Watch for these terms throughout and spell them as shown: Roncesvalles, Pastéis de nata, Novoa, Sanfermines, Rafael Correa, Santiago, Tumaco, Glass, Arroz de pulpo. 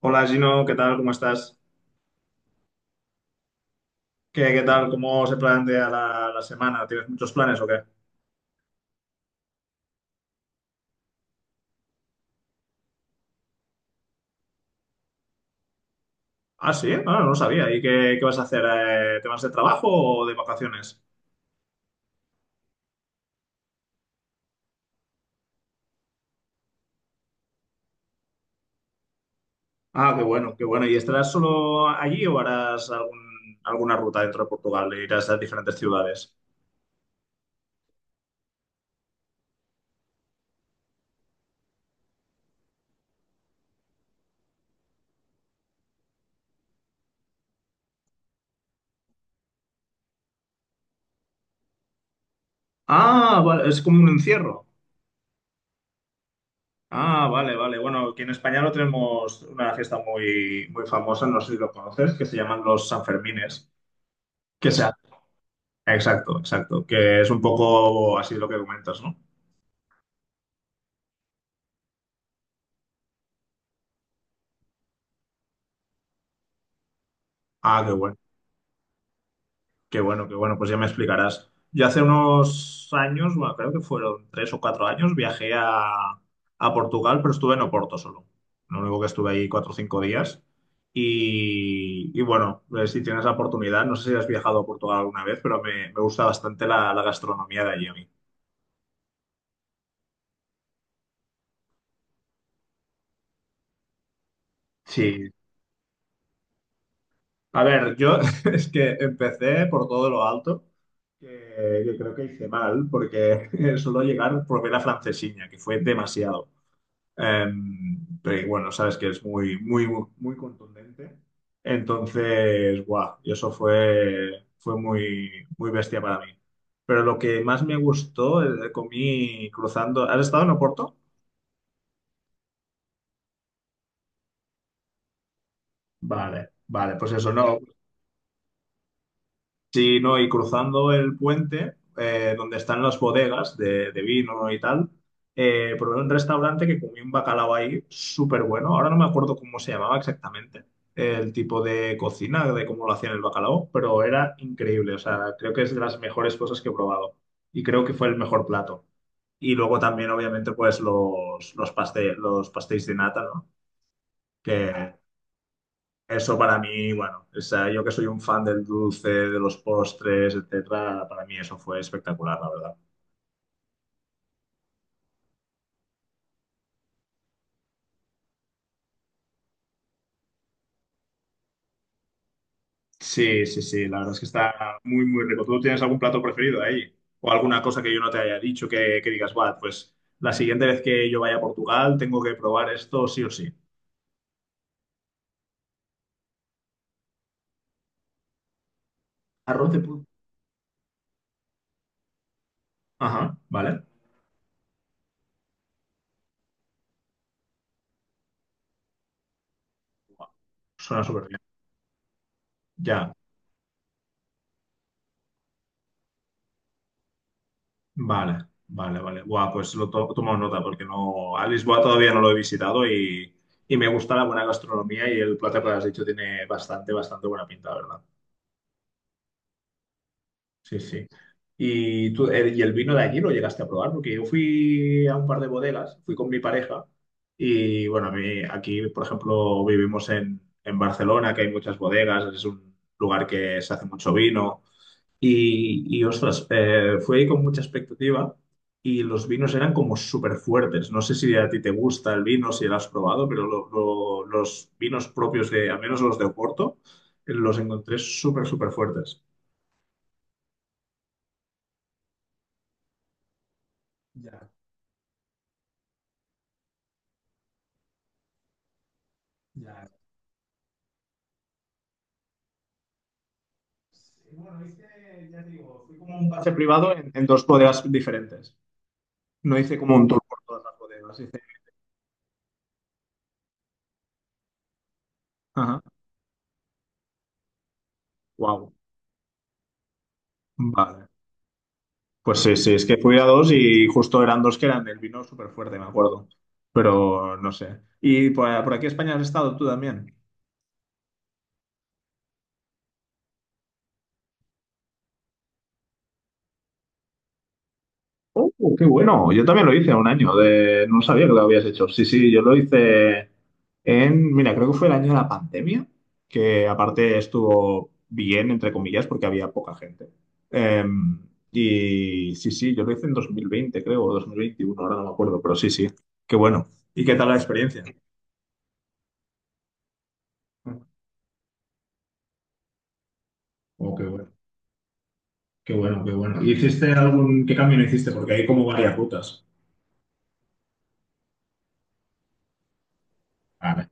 Hola Gino, ¿qué tal? ¿Cómo estás? ¿Qué tal? ¿Cómo se plantea la semana? ¿Tienes muchos planes o qué? Ah, sí, ah, no lo sabía. ¿Y qué vas a hacer? ¿Te vas de trabajo o de vacaciones? Ah, qué bueno, qué bueno. ¿Y estarás solo allí o harás alguna ruta dentro de Portugal? Irás a diferentes ciudades? Ah, vale, es como un encierro. Ah, vale, vale. Bueno, aquí en España lo tenemos una fiesta muy famosa, no sé si lo conoces, que se llaman los Sanfermines. Que sea. Exacto, exacto. Que es un poco así lo que comentas, ¿no? Ah, qué bueno, qué bueno, qué bueno, pues ya me explicarás. Yo hace unos años, bueno, creo que fueron 3 o 4 años, viajé a Portugal, pero estuve en Oporto solo. Lo único que estuve ahí 4 o 5 días. Y bueno, si tienes la oportunidad, no sé si has viajado a Portugal alguna vez, pero me gusta bastante la gastronomía de allí a mí. Sí. A ver, yo es que empecé por todo lo alto, que creo que hice mal, porque solo llegar probé la francesiña, que fue demasiado. Pero bueno, sabes que es muy contundente. Entonces, guau, y eso fue muy bestia para mí. Pero lo que más me gustó, comí cruzando. ¿Has estado en Oporto? Vale, vale, pues eso, no. Sí, no, y cruzando el puente, donde están las bodegas de vino y tal, probé un restaurante que comí un bacalao ahí súper bueno. Ahora no me acuerdo cómo se llamaba exactamente el tipo de cocina, de cómo lo hacían el bacalao, pero era increíble. O sea, creo que es de las mejores cosas que he probado y creo que fue el mejor plato. Y luego también, obviamente, pues los pastéis de nata, ¿no? Que, eso para mí, bueno, o sea, yo que soy un fan del dulce, de los postres, etcétera, para mí eso fue espectacular, la verdad. Sí, sí, sí, la verdad es que está muy rico. ¿Tú tienes algún plato preferido ahí? ¿O alguna cosa que yo no te haya dicho que digas, va, pues la siguiente vez que yo vaya a Portugal tengo que probar esto sí o sí? Arroz de pulpo. Ajá, vale. Suena súper bien. Ya. Vale, vale, vale. Buah, pues tomo nota porque no, a Lisboa todavía no lo he visitado y me gusta la buena gastronomía y el plato que has dicho tiene bastante buena pinta, la ¿verdad? Sí, sí. ¿Y tú, y el vino de allí lo llegaste a probar? Porque yo fui a un par de bodegas, fui con mi pareja y bueno, a mí aquí, por ejemplo, vivimos en Barcelona, que hay muchas bodegas, es un lugar que se hace mucho vino. Ostras, fui ahí con mucha expectativa y los vinos eran como súper fuertes. No sé si a ti te gusta el vino, si lo has probado, pero los vinos propios de, al menos los de Oporto, los encontré súper fuertes. Ya, ya. Bueno, hice, ya te digo, fui como un pase privado en dos bodegas diferentes. No hice como un tour por todas las bodegas. Hice... Ajá. Wow. Vale. Pues sí, sí, es que fui a dos y justo eran dos que eran el vino súper fuerte, me acuerdo. Pero no sé. ¿Y por aquí en España has estado tú también? Qué bueno, yo también lo hice un año, de... no sabía que lo habías hecho. Sí, sí, yo lo hice en, mira, creo que fue el año de la pandemia, que aparte estuvo bien, entre comillas, porque había poca gente. Em, y sí, sí, yo lo hice en 2020, creo, o 2021 ahora no me acuerdo, pero sí, sí, qué bueno. ¿Y qué tal la experiencia? Oh, qué bueno. Qué bueno, qué bueno. ¿Y hiciste algún... ¿Qué camino hiciste? Porque hay como varias rutas. Vale.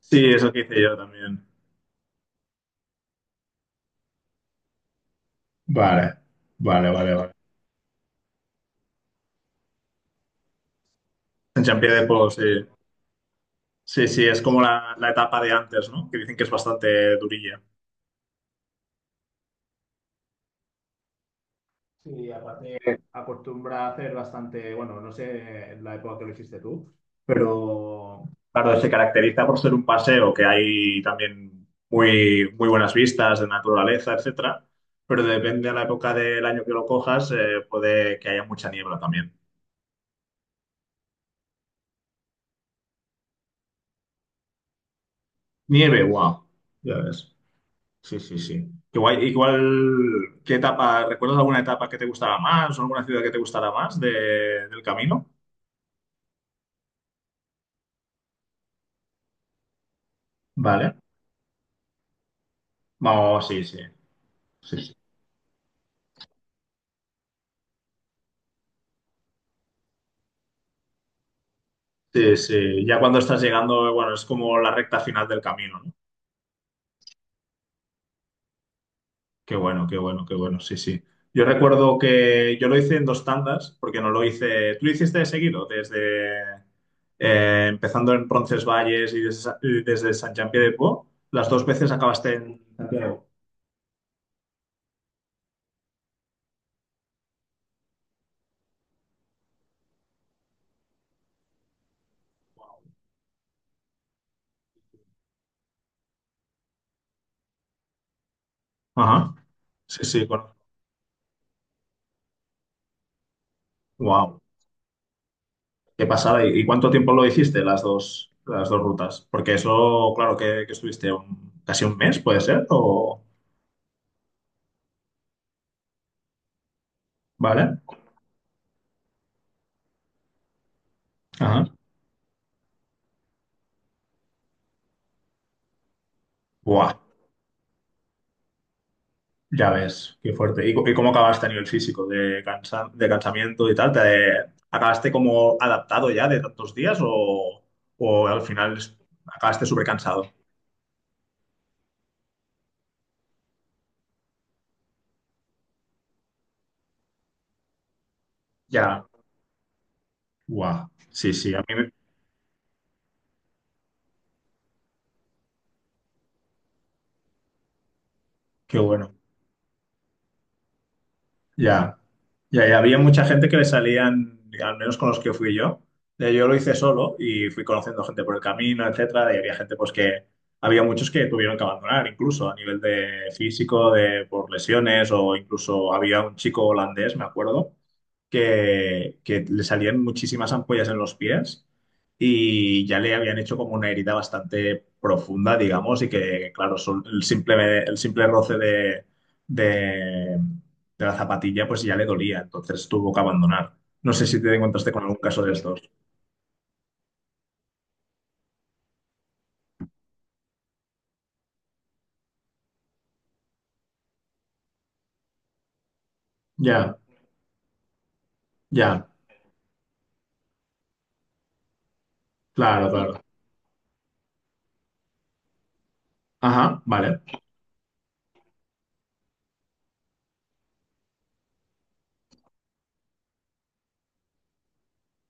Sí, eso que hice yo también. Vale, vale, vale, vale. En Champions de Polo, sí. Sí, sí, es como la etapa de antes, ¿no? Que dicen que es bastante durilla. Sí, aparte acostumbra a hacer bastante, bueno, no sé en la época que lo hiciste tú, pero claro, se caracteriza por ser un paseo que hay también muy buenas vistas de naturaleza, etcétera, pero depende de la época del año que lo cojas, puede que haya mucha niebla también. Nieve, wow, ya ves. Sí, sí, sí. Qué guay. Igual, ¿qué etapa? ¿Recuerdas alguna etapa que te gustara más o alguna ciudad que te gustara más del camino? Vale. Vamos, sí, sí. Sí, sí. Sí, sí, ya cuando estás llegando, bueno, es como la recta final del camino, ¿no? Qué bueno, qué bueno, qué bueno, sí, sí. Yo recuerdo que yo lo hice en dos tandas, porque no lo hice, tú lo hiciste de seguido, desde empezando en Roncesvalles y desde, San de Po, las dos veces acabaste en Santiago. Ajá, sí, sí, wow, qué pasada. Y cuánto tiempo lo hiciste las dos rutas? Porque eso, claro, que estuviste casi un mes, puede ser, o... ¿Vale? Ajá. Buah, ya ves, qué fuerte. ¿Y, y cómo acabaste a nivel físico? ¿De de cansamiento y tal? ¿Te, acabaste como adaptado ya de tantos días o al final acabaste súper cansado? Ya. Guau. Sí, sí, a mí me- qué bueno. Ya, ya había mucha gente que le salían, al menos con los que fui yo. Yo lo hice solo y fui conociendo gente por el camino, etcétera, y había gente pues que había muchos que tuvieron que abandonar, incluso a nivel de físico, de por lesiones, o incluso había un chico holandés, me acuerdo, que le salían muchísimas ampollas en los pies y ya le habían hecho como una herida bastante profunda, digamos, y que, claro, el simple roce de, de la zapatilla pues ya le dolía, entonces tuvo que abandonar. No sé si te encontraste con algún caso de estos. Ya, ya, claro, claro. Ajá, vale.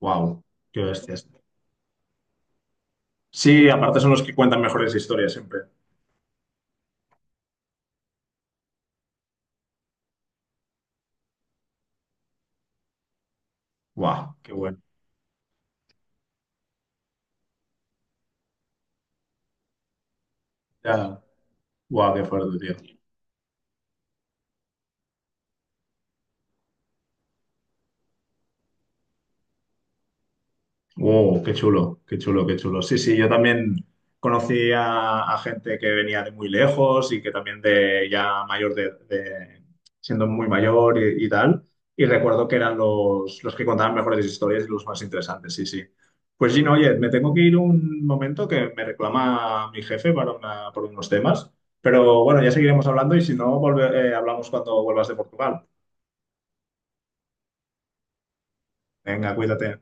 Wow, qué bestias. Sí, aparte son los que cuentan mejores historias siempre. Wow, qué bueno. Ya, wow, qué fuerte, tío. Wow, qué chulo, qué chulo, qué chulo. Sí, sí, yo también conocí a gente que venía de muy lejos y que también de ya mayor siendo muy mayor y tal. Y recuerdo que eran los que contaban mejores historias y los más interesantes, sí, sí. Pues Gino, oye, me tengo que ir un momento que me reclama mi jefe para por unos temas. Pero bueno, ya seguiremos hablando y si no, hablamos cuando vuelvas de Portugal. Venga, cuídate.